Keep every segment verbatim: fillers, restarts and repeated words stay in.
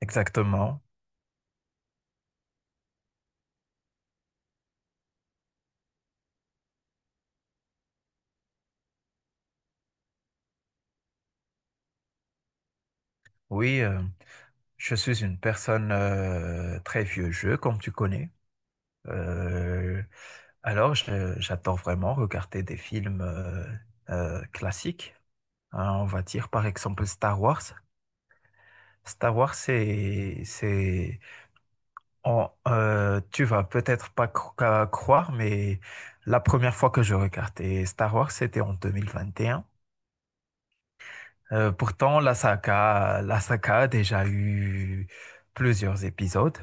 Exactement. Oui, euh, je suis une personne euh, très vieux jeu, comme tu connais. Euh, alors, je- j'adore vraiment regarder des films euh, euh, classiques. Hein, on va dire par exemple Star Wars. Star Wars, c'est, c'est, on- euh, tu vas peut-être pas cro- qu'à croire, mais la première fois que je regardais Star Wars, c'était en deux mille vingt et un. Euh, pourtant, la saga, la saga a déjà eu plusieurs épisodes.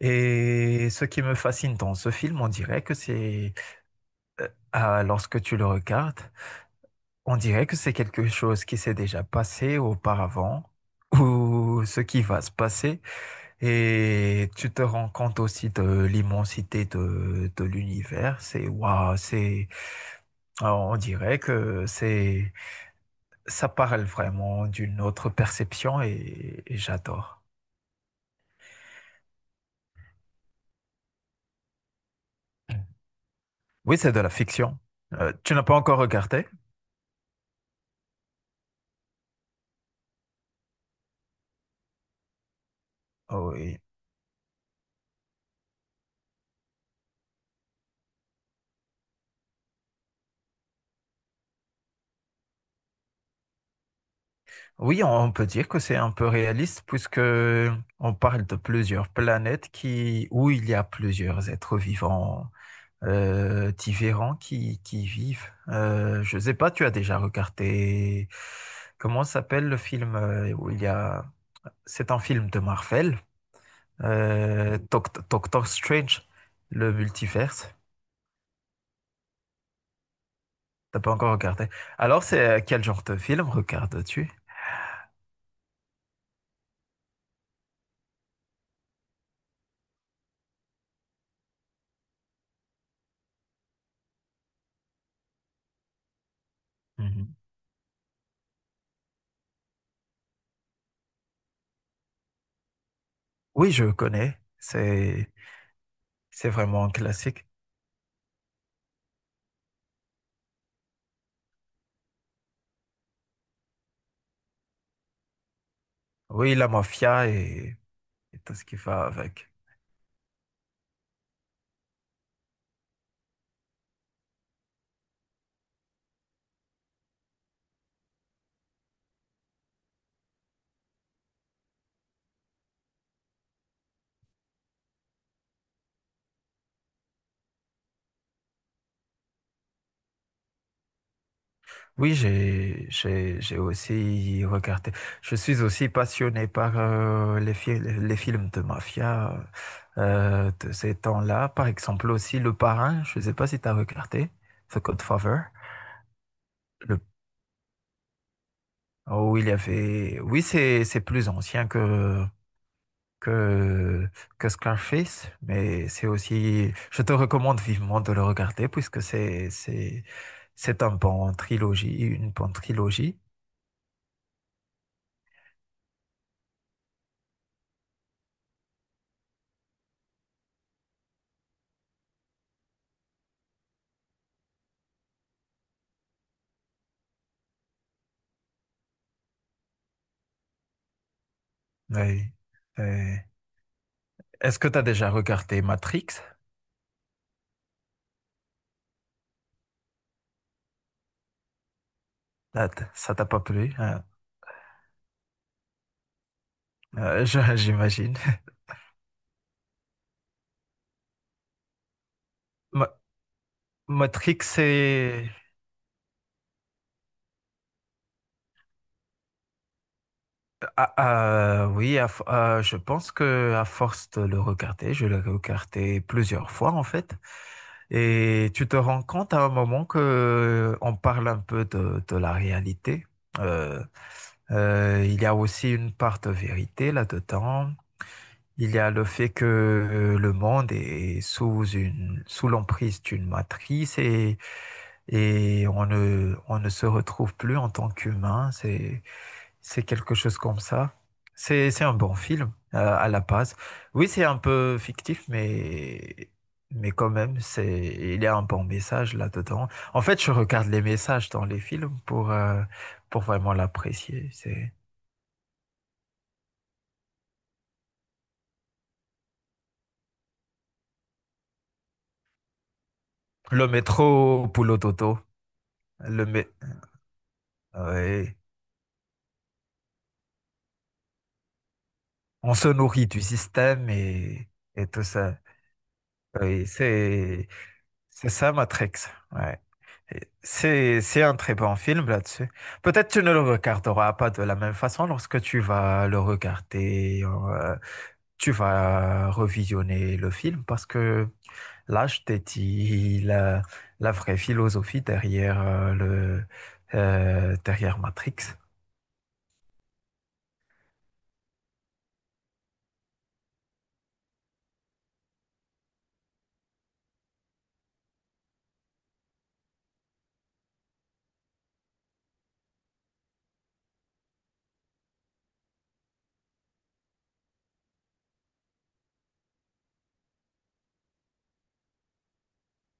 Et ce qui me fascine dans ce film, on dirait que c'est, euh, ah, lorsque tu le regardes, on dirait que c'est quelque chose qui s'est déjà passé auparavant ou ce qui va se passer. Et tu te rends compte aussi de l'immensité de, de l'univers. C'est waouh, c'est, alors, on dirait que c'est, ça parle vraiment d'une autre perception et, et j'adore. Oui, c'est de la fiction. Euh, tu n'as pas encore regardé? Oh, oui. Oui, on peut dire que c'est un peu réaliste puisque on parle de plusieurs planètes qui, où il y a plusieurs êtres vivants euh, différents qui, qui vivent. Euh, je sais pas, tu as déjà regardé comment s'appelle le film euh, où il y a, c'est un film de Marvel, euh, Doct- Doctor Strange, le multiverse. T'as pas encore regardé. Alors, c'est euh, quel genre de film regardes-tu? Mhm. Oui, je connais. C'est c'est vraiment un classique. Oui, la mafia et, et tout ce qui va avec. Oui, j'ai, j'ai, j'ai aussi regardé. Je suis aussi passionné par euh, les, fi- les films de mafia euh, de ces temps-là. Par exemple, aussi Le Parrain. Je ne sais pas si tu as regardé The Godfather. Le... Oh, il y avait. Oui, c'est, c'est plus ancien que, que, que Scarface, mais c'est aussi, je te recommande vivement de le regarder puisque c'est, c'est, c'est un bon trilogie, une bonne trilogie. Oui. Euh, Est-ce que tu as déjà regardé Matrix? Ça t- ça t'a pas plu, hein. Euh, je- j'imagine. Ma- Matrix, c'est, ah, euh, oui, à f- euh, je pense que à force de le regarder, je l'ai regardé plusieurs fois en fait, et tu te rends compte à un moment que euh, on parle un peu de, de la réalité. Euh, euh, il y a aussi une part de vérité là-dedans. Il y a le fait que euh, le monde est sous une sous l'emprise d'une matrice et et on ne on ne se retrouve plus en tant qu'humain. C'est c'est quelque chose comme ça. C'est, c'est un bon film euh, à la base. Oui, c'est un peu fictif, mais, mais quand même, c'est, il y a un bon message là-dedans. En fait, je regarde les messages dans les films pour, euh, pour vraiment l'apprécier. C'est le métro boulot dodo. Le mé- ouais. On se nourrit du système et, et tout ça. Oui, c'est, C'est ça, Matrix. Ouais. Et C'est, c'est un très bon film là-dessus. Peut-être tu ne le regarderas pas de la même façon lorsque tu vas le regarder, euh, tu vas revisionner le film parce que là, je t'ai dit la, la vraie philosophie derrière euh, le, euh, derrière Matrix.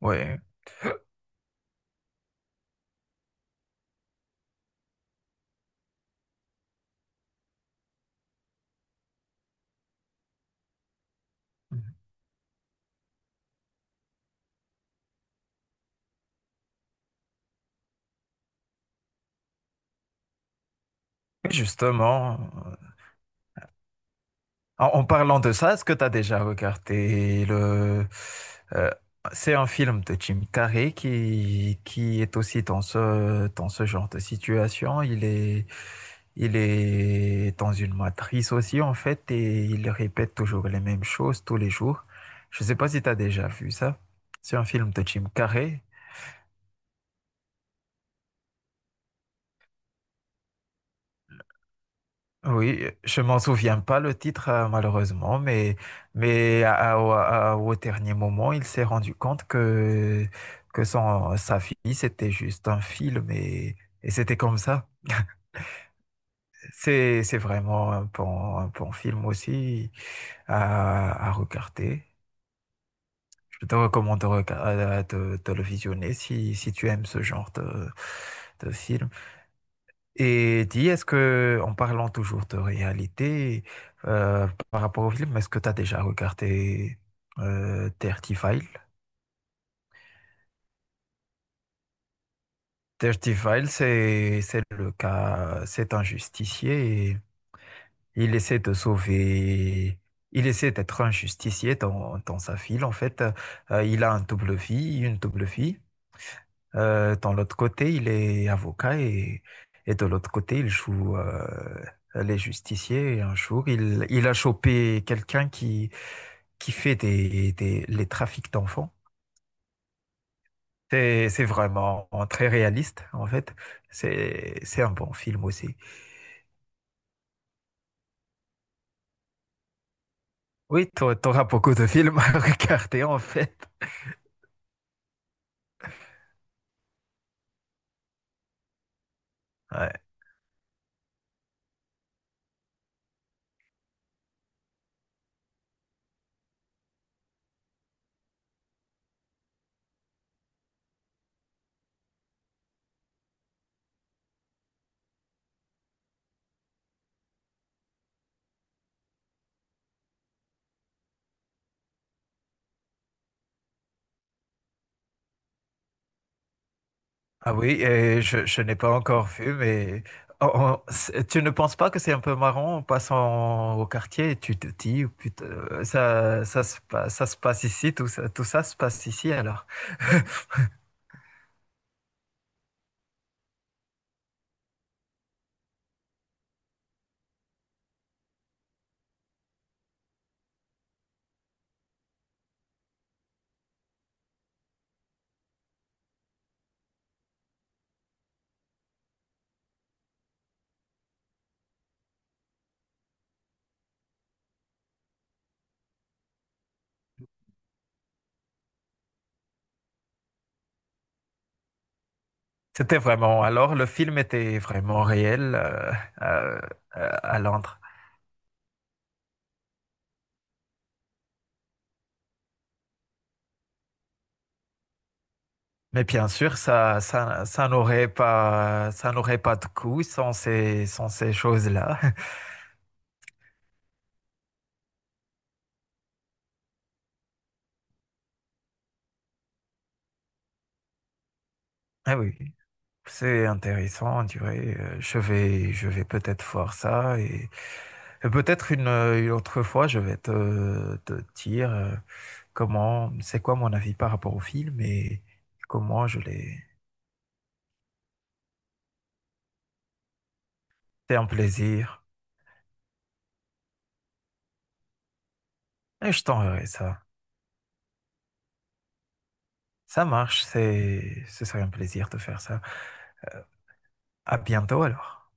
Ouais. Justement. En, en parlant de ça, est-ce que tu as déjà regardé le... euh, c'est un film de Jim Carrey qui, qui est aussi dans ce, dans ce genre de situation. Il est, il est dans une matrice aussi, en fait, et il répète toujours les mêmes choses tous les jours. Je ne sais pas si tu as déjà vu ça. C'est un film de Jim Carrey. Oui, je m'en souviens pas le titre euh, malheureusement, mais mais à- à- au à- au dernier moment, il s'est rendu compte que que son sa fille c'était juste un film et et c'était comme ça. C'est c'est vraiment un bon un bon film aussi à à regarder. Je te recommande de, rega- euh, de, de le visionner si si tu aimes ce genre de de film. Et dis, est-ce que, en parlant toujours de réalité, euh, par rapport au film, est-ce que tu as déjà regardé euh, Dirty File? Dirty File, c'est, c'est le cas, c'est un justicier et il essaie de sauver, il essaie d'être un justicier dans, dans sa ville. En fait, euh, il a un double vie, une double vie. Euh, dans l'autre côté, il est avocat et, et de l'autre côté, il joue euh, les justiciers. Et un jour, il, il a chopé quelqu'un qui, qui fait des, des- les trafics d'enfants. C'est, c'est vraiment très réaliste, en fait. C'est, c'est un bon film aussi. Oui, tu auras beaucoup de films à regarder, en fait. Ouais. Ah oui, et je, je n'ai pas encore vu, mais oh, oh, c'est- tu ne penses pas que c'est un peu marrant en passant au quartier et tu te dis, oh putain, euh, ça, ça se passe, ça se passe ici, tout ça, tout ça se passe ici alors. C'était vraiment, alors le film était vraiment réel euh, euh, euh, à Londres. Mais bien sûr, ça, ça, ça n'aurait pas, ça n'aurait pas de coût sans ces, sans ces choses-là. Ah oui. C'est intéressant, tu vois. Euh, Je vais, je vais peut-être voir ça et, et peut-être une, euh, une autre fois, je vais te, te dire euh, comment, c'est quoi mon avis par rapport au film et comment je l'ai. C'est un plaisir et je t'enverrai ça. Ça marche, c'est, ce serait un plaisir de faire ça. Euh, À bientôt alors.